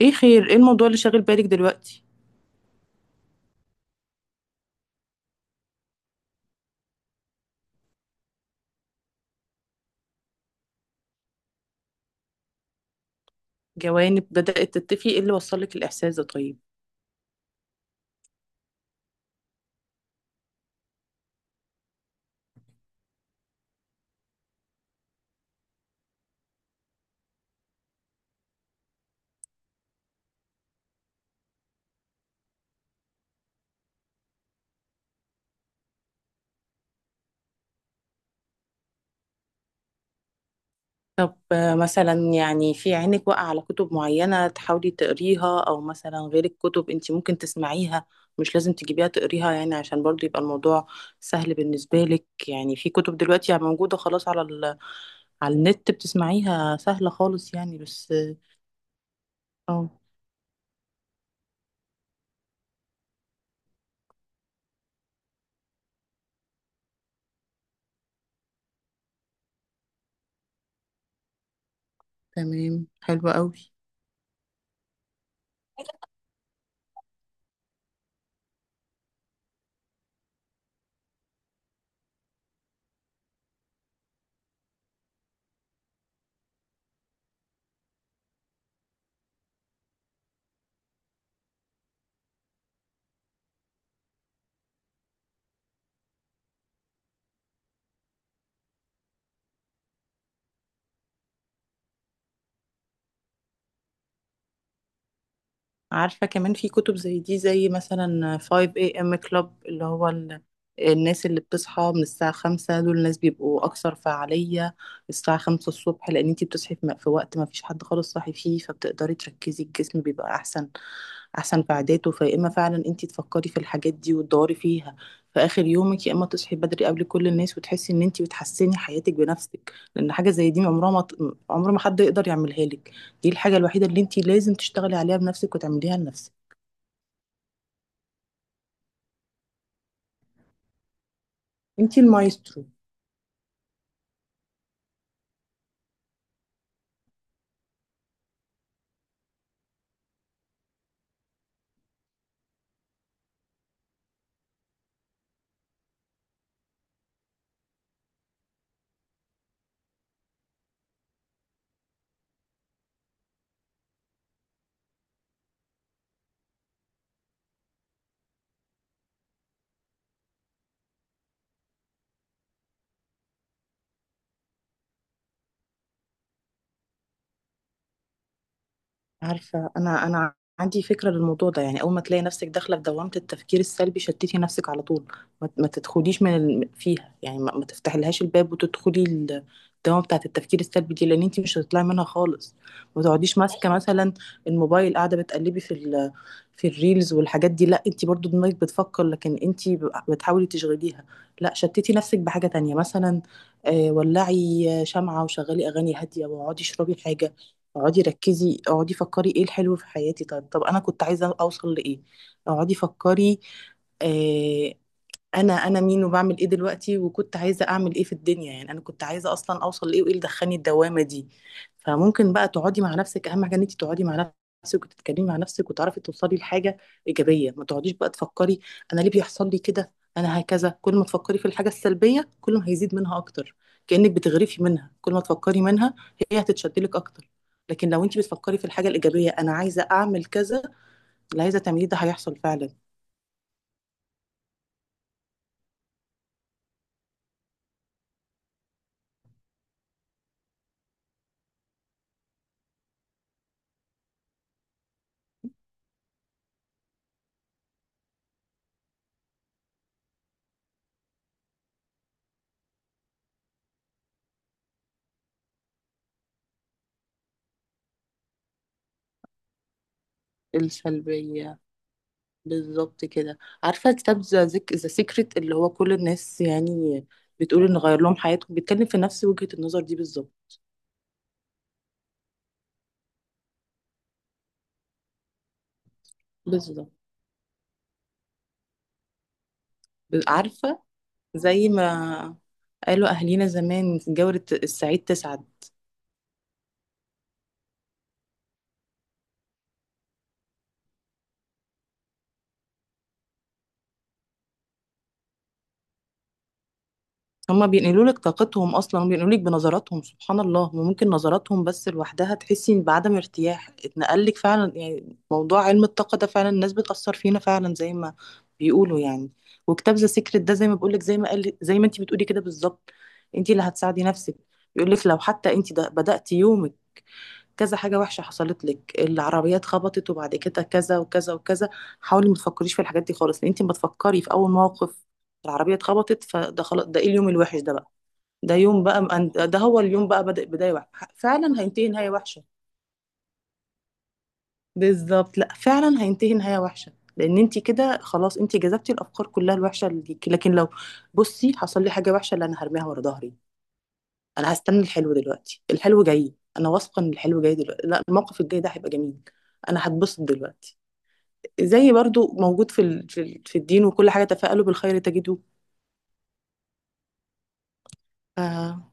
ايه خير ايه الموضوع اللي شاغل بالك دلوقتي؟ جوانب بدأت تتفي؟ ايه اللي وصلك الإحساس ده؟ طيب طب مثلا يعني في عينك واقع على كتب معينة تحاولي تقريها؟ او مثلا غير الكتب انت ممكن تسمعيها، مش لازم تجيبيها تقريها، يعني عشان برضو يبقى الموضوع سهل بالنسبة لك. يعني في كتب دلوقتي يعني موجودة خلاص على على النت بتسمعيها سهلة خالص يعني، بس آه، تمام حلوة قوي. عارفة كمان في كتب زي دي، زي مثلا 5 a.m. club اللي هو الناس اللي بتصحى من الساعة خمسة، دول الناس بيبقوا أكثر فعالية الساعة خمسة الصبح، لأن انتي بتصحي في في وقت ما فيش حد خالص صاحي فيه، فبتقدري تركزي، الجسم بيبقى أحسن أحسن في عاداته. فيا إما فعلا انتي تفكري في الحاجات دي وتدوري فيها في آخر يومك، يا إما تصحي بدري قبل كل الناس وتحسي إن انتي بتحسني حياتك بنفسك، لأن حاجة زي دي عمر ما حد يقدر يعملها لك. دي الحاجة الوحيدة اللي أنتِ لازم تشتغلي عليها بنفسِك وتعمليها لنفسِك، أنتِ المايسترو. عارفة، أنا عندي فكرة للموضوع ده. يعني أول ما تلاقي نفسك داخلة في دوامة التفكير السلبي شتتي نفسك على طول، ما تدخليش من فيها، يعني ما تفتحلهاش الباب وتدخلي الدوامة بتاعة التفكير السلبي دي، لأن أنت مش هتطلعي منها خالص. ما تقعديش ماسكة مثلا الموبايل، قاعدة بتقلبي في في الريلز والحاجات دي، لا، أنت برضو دماغك بتفكر لكن أنت بتحاولي تشغليها. لا، شتتي نفسك بحاجة تانية، مثلا ولعي شمعة وشغلي أغاني هادية واقعدي اشربي حاجة. اقعدي ركزي، اقعدي فكري ايه الحلو في حياتي، طب انا كنت عايزه اوصل لايه. اقعدي فكري، آه، انا مين وبعمل ايه دلوقتي، وكنت عايزه اعمل ايه في الدنيا، يعني انا كنت عايزه اصلا اوصل لايه، وايه اللي دخلني الدوامه دي. فممكن بقى تقعدي مع نفسك، اهم حاجه ان انت تقعدي مع نفسك وتتكلمي مع نفسك وتعرفي توصلي لحاجه ايجابيه. ما تقعديش بقى تفكري انا ليه بيحصل لي كده، انا هكذا، كل ما تفكري في الحاجه السلبيه كل ما هيزيد منها اكتر، كانك بتغرفي منها، كل ما تفكري منها هي هتتشدلك اكتر. لكن لو انت بتفكري في الحاجه الايجابيه، انا عايزه اعمل كذا، اللي عايزه تعمليه ده هيحصل فعلا. السلبية، بالظبط كده. عارفة كتاب ذا سيكريت اللي هو كل الناس يعني بتقول إن غير لهم حياتهم، بيتكلم في نفس وجهة النظر دي بالظبط. بالظبط، عارفة، زي ما قالوا أهلينا زمان، جورة السعيد تسعد. هما بينقلوا لك طاقتهم اصلا، وبينقلوا لك بنظراتهم، سبحان الله، وممكن نظراتهم بس لوحدها تحسي بعدم ارتياح اتنقل لك فعلا. يعني موضوع علم الطاقه ده فعلا الناس بتاثر فينا فعلا زي ما بيقولوا يعني. وكتاب ذا سيكريت ده زي ما بقول لك، زي ما قال، زي ما انت بتقولي كده بالظبط، انت اللي هتساعدي نفسك. بيقول لك لو حتى انت ده بداتي يومك كذا حاجه وحشه حصلت لك، العربيات خبطت وبعد كده كذا وكذا وكذا، حاولي ما تفكريش في الحاجات دي خالص، لان انت ما تفكري في اول موقف العربية اتخبطت فده خلاص، ده ايه اليوم الوحش ده بقى، ده يوم بقى، ده هو اليوم بقى بدأ بداية وحشة، فعلا هينتهي نهاية وحشة. بالظبط، لا فعلا هينتهي نهاية وحشة، لأن انت كده خلاص انت جذبتي الأفكار كلها الوحشة اللي ليكي. لكن لو بصي حصل لي حاجة وحشة اللي أنا هرميها ورا ظهري، أنا هستنى الحلو دلوقتي، الحلو جاي، أنا واثقة إن الحلو جاي دلوقتي، لا، الموقف الجاي ده هيبقى جميل، أنا هتبسط دلوقتي. زي برضو موجود في في في الدين وكل حاجة، تفاءلوا بالخير تجدوه. آه.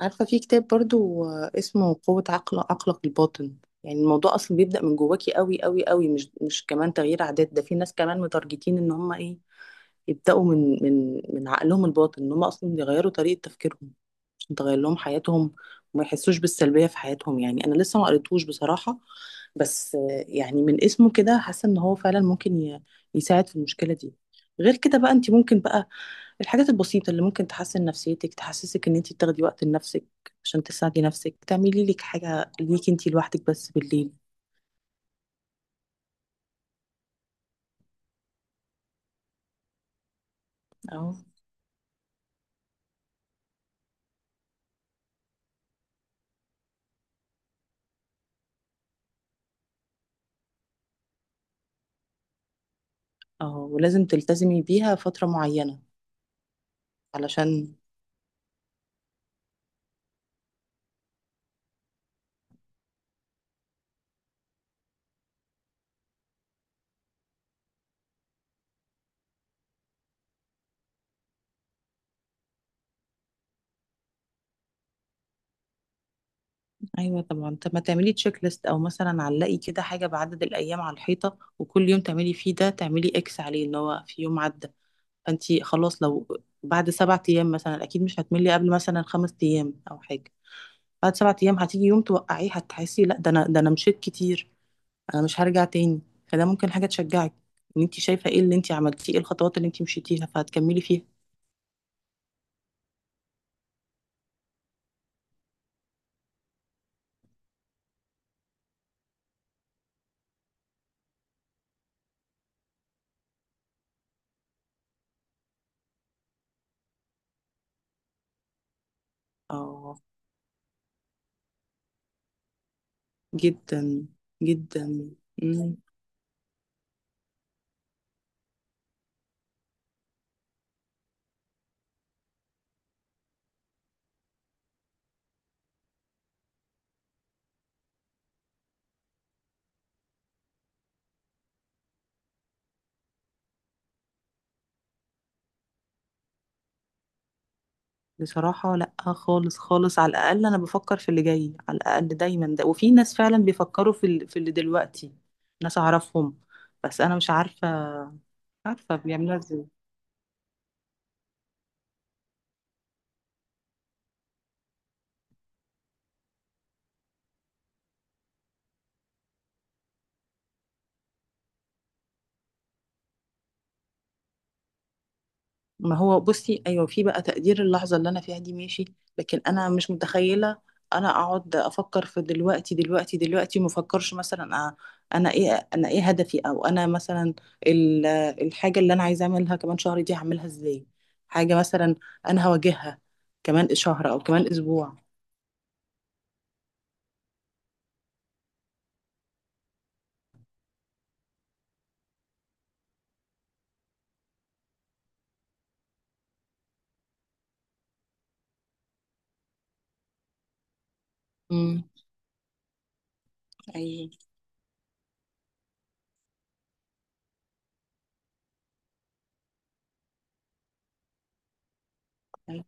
عارفة في كتاب برضو، اسمه قوة عقل عقلك الباطن. يعني الموضوع أصلا بيبدأ من جواكي قوي قوي قوي، مش كمان تغيير عادات، ده في ناس كمان متارجتين إن هم إيه، يبداوا من من عقلهم الباطن، ان هم اصلا يغيروا طريقه تفكيرهم عشان تغير لهم حياتهم وما يحسوش بالسلبيه في حياتهم. يعني انا لسه ما قريتهوش بصراحه، بس يعني من اسمه كده حاسه ان هو فعلا ممكن يساعد في المشكله دي. غير كده بقى انت ممكن بقى الحاجات البسيطه اللي ممكن تحسن نفسيتك، تحسسك ان انت بتاخدي وقت لنفسك عشان تساعدي نفسك، تعملي لك حاجه ليك انت لوحدك بس بالليل. اه اه ولازم تلتزمي بيها فتره معينه علشان. ايوه طبعا. طب ما تعملي تشيك ليست، او مثلا علقي كده حاجه بعدد الايام على الحيطه، وكل يوم تعملي فيه ده تعملي اكس عليه ان هو في يوم عدى. فانتي خلاص لو بعد سبعة ايام مثلا، اكيد مش هتملي قبل مثلا خمس ايام او حاجه، بعد سبعة ايام هتيجي يوم توقعيه هتحسي لا ده انا، ده انا مشيت كتير، انا مش هرجع تاني. فده ممكن حاجه تشجعك، ان انتي شايفه ايه اللي انتي عملتيه، ايه الخطوات اللي انتي مشيتيها فهتكملي فيها. اه. جدا جدا. بصراحة لأ خالص خالص، على الأقل أنا بفكر في اللي جاي على الأقل دايما ده، وفي ناس فعلا بيفكروا في, في اللي دلوقتي، ناس أعرفهم، بس أنا مش عارفة عارفة بيعملوها ازاي. ما هو بصي ايوه في بقى تقدير اللحظه اللي انا فيها دي، ماشي، لكن انا مش متخيله انا اقعد افكر في دلوقتي دلوقتي دلوقتي، ما افكرش مثلا انا ايه، انا ايه هدفي، او انا مثلا ال- الحاجه اللي انا عايزه اعملها كمان شهر دي هعملها ازاي، حاجه مثلا انا هواجهها كمان شهر او كمان اسبوع. امم. ايوه. أيوه.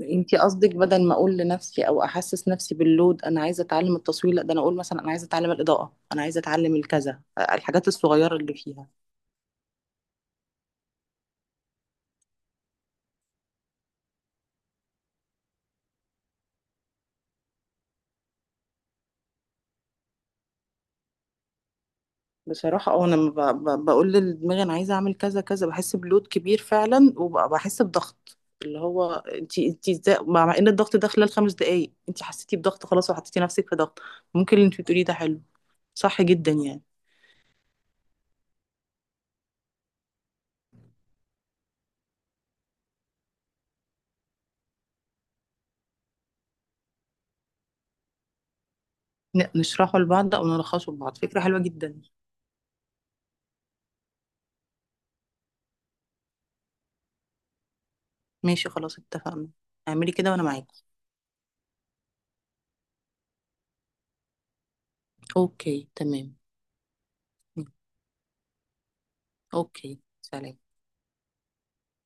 انتي قصدك بدل ما اقول لنفسي او احسس نفسي باللود انا عايزه اتعلم التصوير، لا، ده انا اقول مثلا انا عايزه اتعلم الاضاءه، انا عايزه اتعلم الكذا، الحاجات الصغيره اللي فيها. بصراحه اه انا لما بقول لدماغي انا عايزه اعمل كذا كذا بحس بلود كبير فعلا، وبحس بضغط، اللي هو انتي انتي ازاي، مع ان الضغط ده خلال خمس دقايق انتي حسيتي بضغط خلاص وحطيتي نفسك في ضغط. ممكن اللي انتي بتقوليه ده حلو، صح جدا يعني. نشرحه لبعض او نلخصه لبعض، فكره حلوه جدا. ماشي خلاص، اتفقنا، اعملي كده وانا معاكي. اوكي تمام. اوكي سلام.